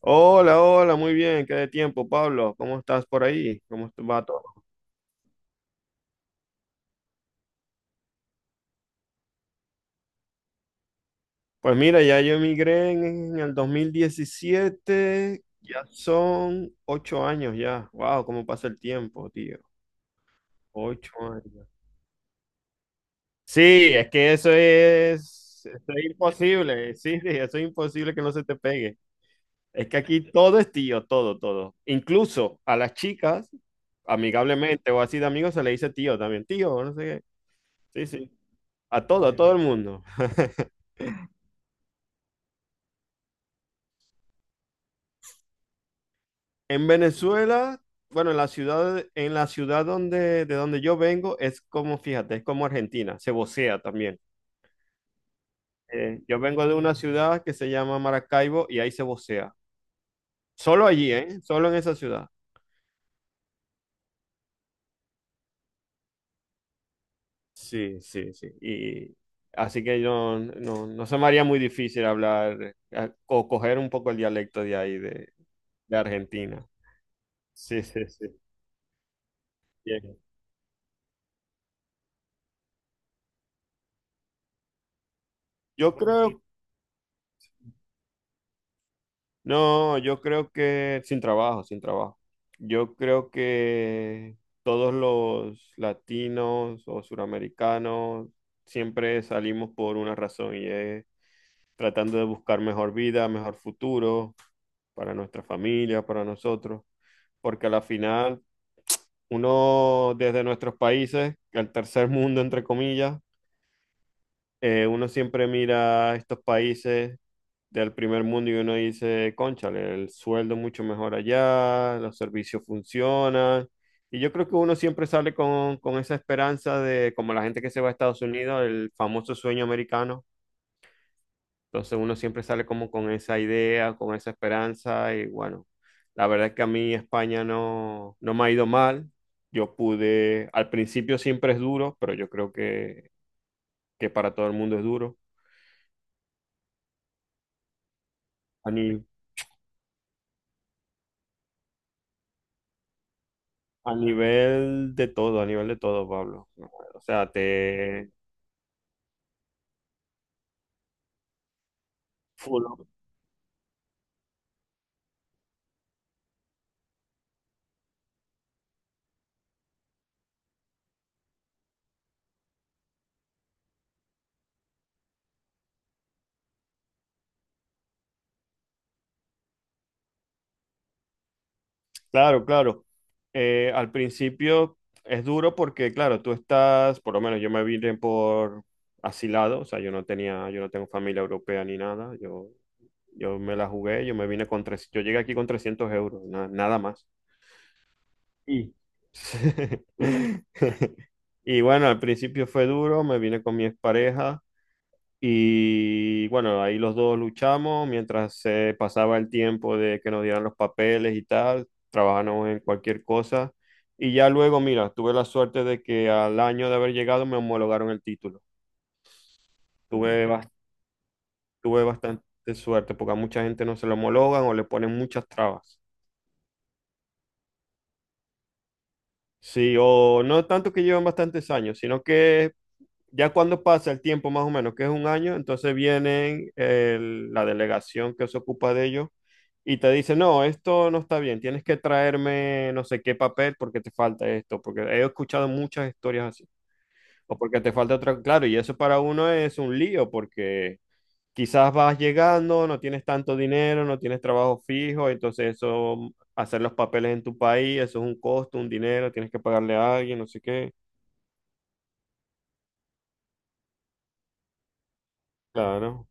Hola, hola, muy bien, qué de tiempo, Pablo. ¿Cómo estás por ahí? Va todo? Pues mira, ya yo emigré en el dos mil diecisiete. Ya son ocho años ya. Wow, cómo pasa el tiempo, tío. Ocho años. Sí, es que eso es imposible. Sí, sí, eso es imposible que no se te pegue. Es que aquí todo es tío, todo, todo. Incluso a las chicas, amigablemente o así de amigos, se le dice tío también. Tío, no sé qué. Sí, sí. A todo el mundo. En Venezuela, bueno, en la ciudad de donde yo vengo, es como, fíjate, es como Argentina, se vocea también. Yo vengo de una ciudad que se llama Maracaibo y ahí se vocea. Solo allí, ¿eh? Solo en esa ciudad. Sí, sí, sí. Y así que no, no, no se me haría muy difícil hablar o coger un poco el dialecto de de Argentina. Sí, sí, sí. Bien. Yo creo No, yo creo que sin trabajo, sin trabajo. Yo creo que todos los latinos o suramericanos siempre salimos por una razón y es tratando de buscar mejor vida, mejor futuro para nuestra familia, para nosotros, porque a la final uno desde nuestros países, el tercer mundo entre comillas, uno siempre mira estos países del primer mundo y uno dice, cónchale, el sueldo es mucho mejor allá, los servicios funcionan. Y yo creo que uno siempre sale con esa esperanza de, como la gente que se va a Estados Unidos, el famoso sueño americano. Entonces uno siempre sale como con esa idea, con esa esperanza y bueno, la verdad es que a mí España no, no me ha ido mal. Yo pude, al principio siempre es duro, pero yo creo que para todo el mundo es duro. A ni- A nivel de todo, a nivel de todo, Pablo. O sea, te... full. Claro, claro. Al principio es duro porque, claro, tú estás, por lo menos yo me vine por asilado, o sea, yo no tenía, yo no tengo familia europea ni nada, yo me la jugué, yo me vine con tres, yo llegué aquí con 300 euros, nada más. Y... Y bueno, al principio fue duro, me vine con mi expareja. Y bueno, ahí los dos luchamos mientras se pasaba el tiempo de que nos dieran los papeles y tal, trabajamos en cualquier cosa. Y ya luego, mira, tuve la suerte de que al año de haber llegado me homologaron el título. Tuve, bas- Tuve bastante suerte porque a mucha gente no se lo homologan o le ponen muchas trabas. Sí, o no tanto que llevan bastantes años, sino que ya cuando pasa el tiempo más o menos, que es un año, entonces la delegación que se ocupa de ellos y te dice, no, esto no está bien, tienes que traerme no sé qué papel porque te falta esto, porque he escuchado muchas historias así, o porque te falta otra, claro, y eso para uno es un lío porque quizás vas llegando, no tienes tanto dinero, no tienes trabajo fijo, entonces eso, hacer los papeles en tu país, eso es un costo, un dinero, tienes que pagarle a alguien, no sé qué, claro,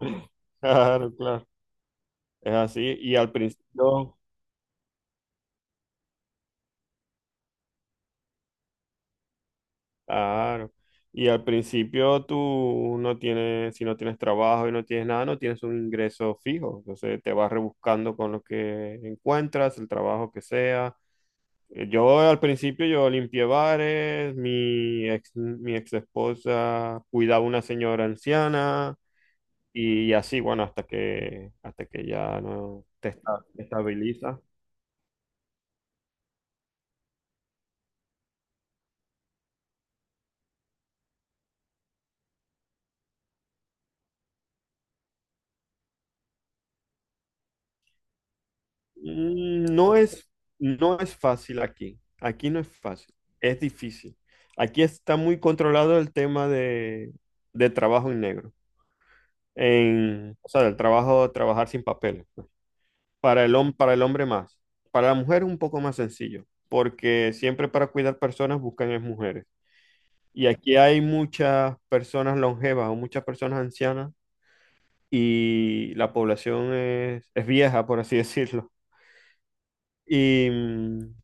claro, claro. Es así, y al principio, claro, y al principio tú no tienes, si no tienes trabajo y no tienes nada, no tienes un ingreso fijo, entonces te vas rebuscando con lo que encuentras, el trabajo que sea. Yo al principio yo limpié bares, mi ex esposa cuidaba una señora anciana y así, bueno, hasta que, ya no te te estabilizas. No es, no es fácil aquí. Aquí no es fácil. Es difícil. Aquí está muy controlado el tema de trabajo en negro. En, o sea, del trabajo, trabajar sin papeles, pues. Para el hombre más. Para la mujer es un poco más sencillo, porque siempre para cuidar personas buscan es mujeres. Y aquí hay muchas personas longevas o muchas personas ancianas y la población es vieja, por así decirlo. Y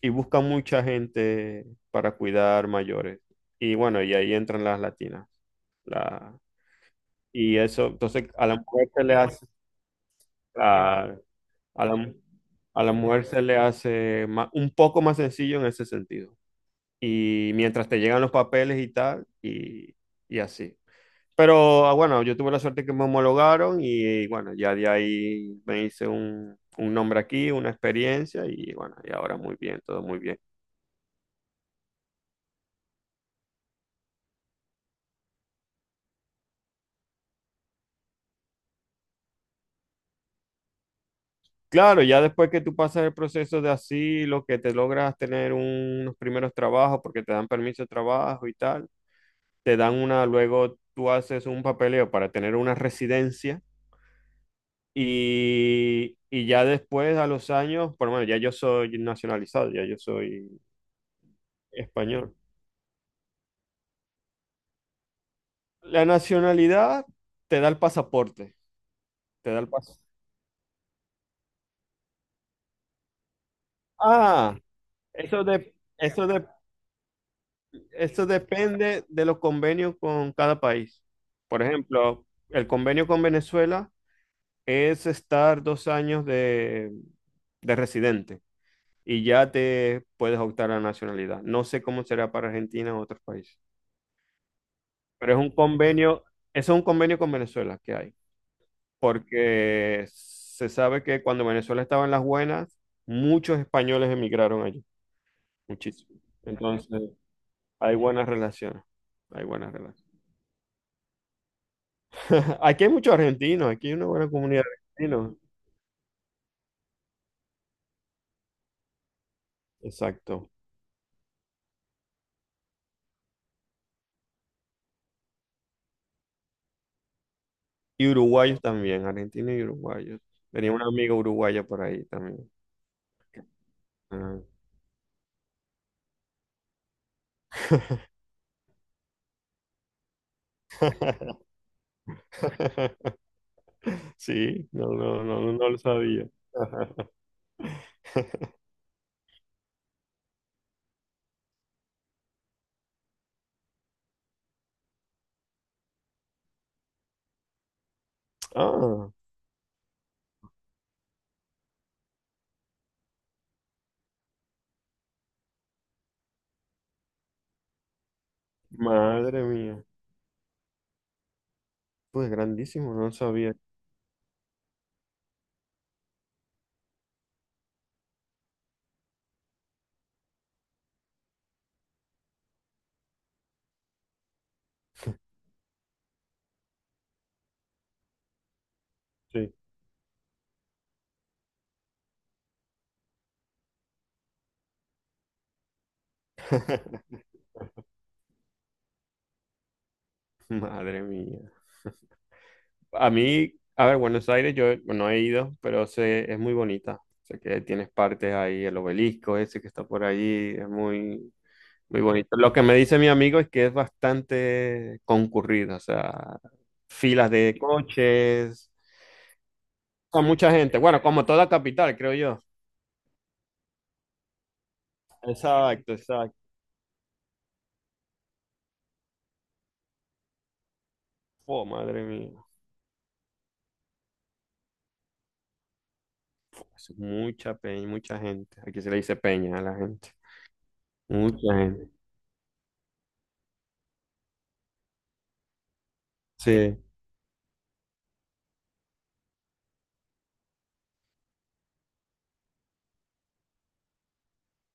y buscan mucha gente para cuidar mayores. Y bueno, y ahí entran las latinas. La, y eso, entonces a la mujer se le la- a la, a la mujer se le un poco más sencillo en ese sentido. Y mientras te llegan los papeles y tal, y así. Pero bueno, yo tuve la suerte que me homologaron y bueno, ya de ahí me hice un nombre aquí, una experiencia y bueno, y ahora muy bien, todo muy bien. Claro, ya después que tú pasas el proceso de asilo, que te logras tener unos primeros trabajos porque te dan permiso de trabajo y tal, te dan una, luego tú haces un papeleo para tener una residencia y ya después a los años, por lo menos ya yo soy nacionalizado, ya yo soy español. La nacionalidad te da el pasaporte, te da el pasaporte. Ah, eso de, eso de, eso depende de los convenios con cada país. Por ejemplo, el convenio con Venezuela es estar dos años de residente y ya te puedes optar a la nacionalidad. No sé cómo será para Argentina o otros países, pero es un convenio, eso es un convenio con Venezuela que hay, porque se sabe que cuando Venezuela estaba en las buenas, muchos españoles emigraron allí, muchísimo. Entonces, hay buenas relaciones, hay buenas relaciones. Aquí hay muchos argentinos, aquí hay una buena comunidad de argentinos. Exacto. Y uruguayos también, argentinos y uruguayos. Tenía una amiga uruguaya por ahí también. Ah. Sí, no, no, no, no, no lo sabía. Ah, madre mía. Pues grandísimo, no lo sabía. Sí. Madre mía. A mí, a ver, Buenos Aires yo no he ido, pero sé, es muy bonita. Sé que tienes partes ahí, el obelisco ese que está por ahí, es muy, muy bonito. Lo que me dice mi amigo es que es bastante concurrido, o sea, filas de coches, con mucha gente. Bueno, como toda capital, creo yo. Exacto, exacto. Oh, madre mía. Es mucha peña, mucha gente. Aquí se le dice peña a la gente. Mucha gente. Sí.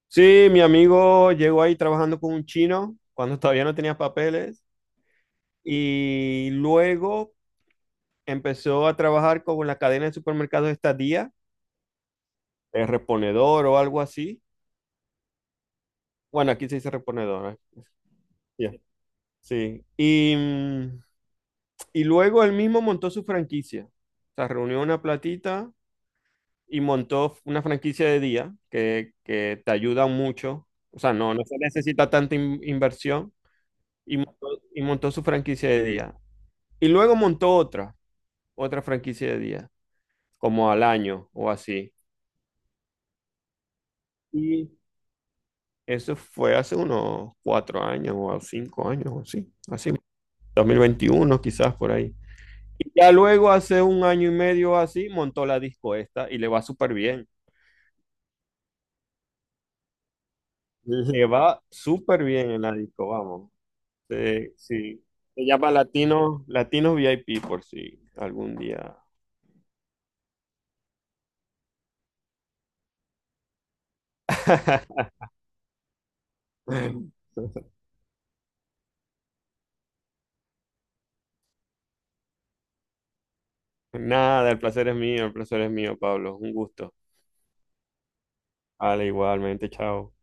Sí, mi amigo llegó ahí trabajando con un chino cuando todavía no tenía papeles y luego empezó a trabajar con la cadena de supermercados esta día, el reponedor o algo así. Bueno, aquí se dice reponedora. Ya, sí. Y y luego él mismo montó su franquicia. O sea, reunió una platita y montó una franquicia de día que te ayuda mucho. O sea, no, no se necesita tanta inversión. Y y montó su franquicia de día. Y luego montó otra, otra franquicia de día, como al año o así. Y eso fue hace unos cuatro años o cinco años o así. Así, 2021 quizás por ahí. Y ya luego, hace un año y medio así, montó la disco esta y le va súper bien. Le va súper bien en la disco, vamos. Sí, sí. Se llama Latino, Latino VIP por si algún día. Nada, el placer es mío, el placer es mío, Pablo. Un gusto. Vale, igualmente, chao.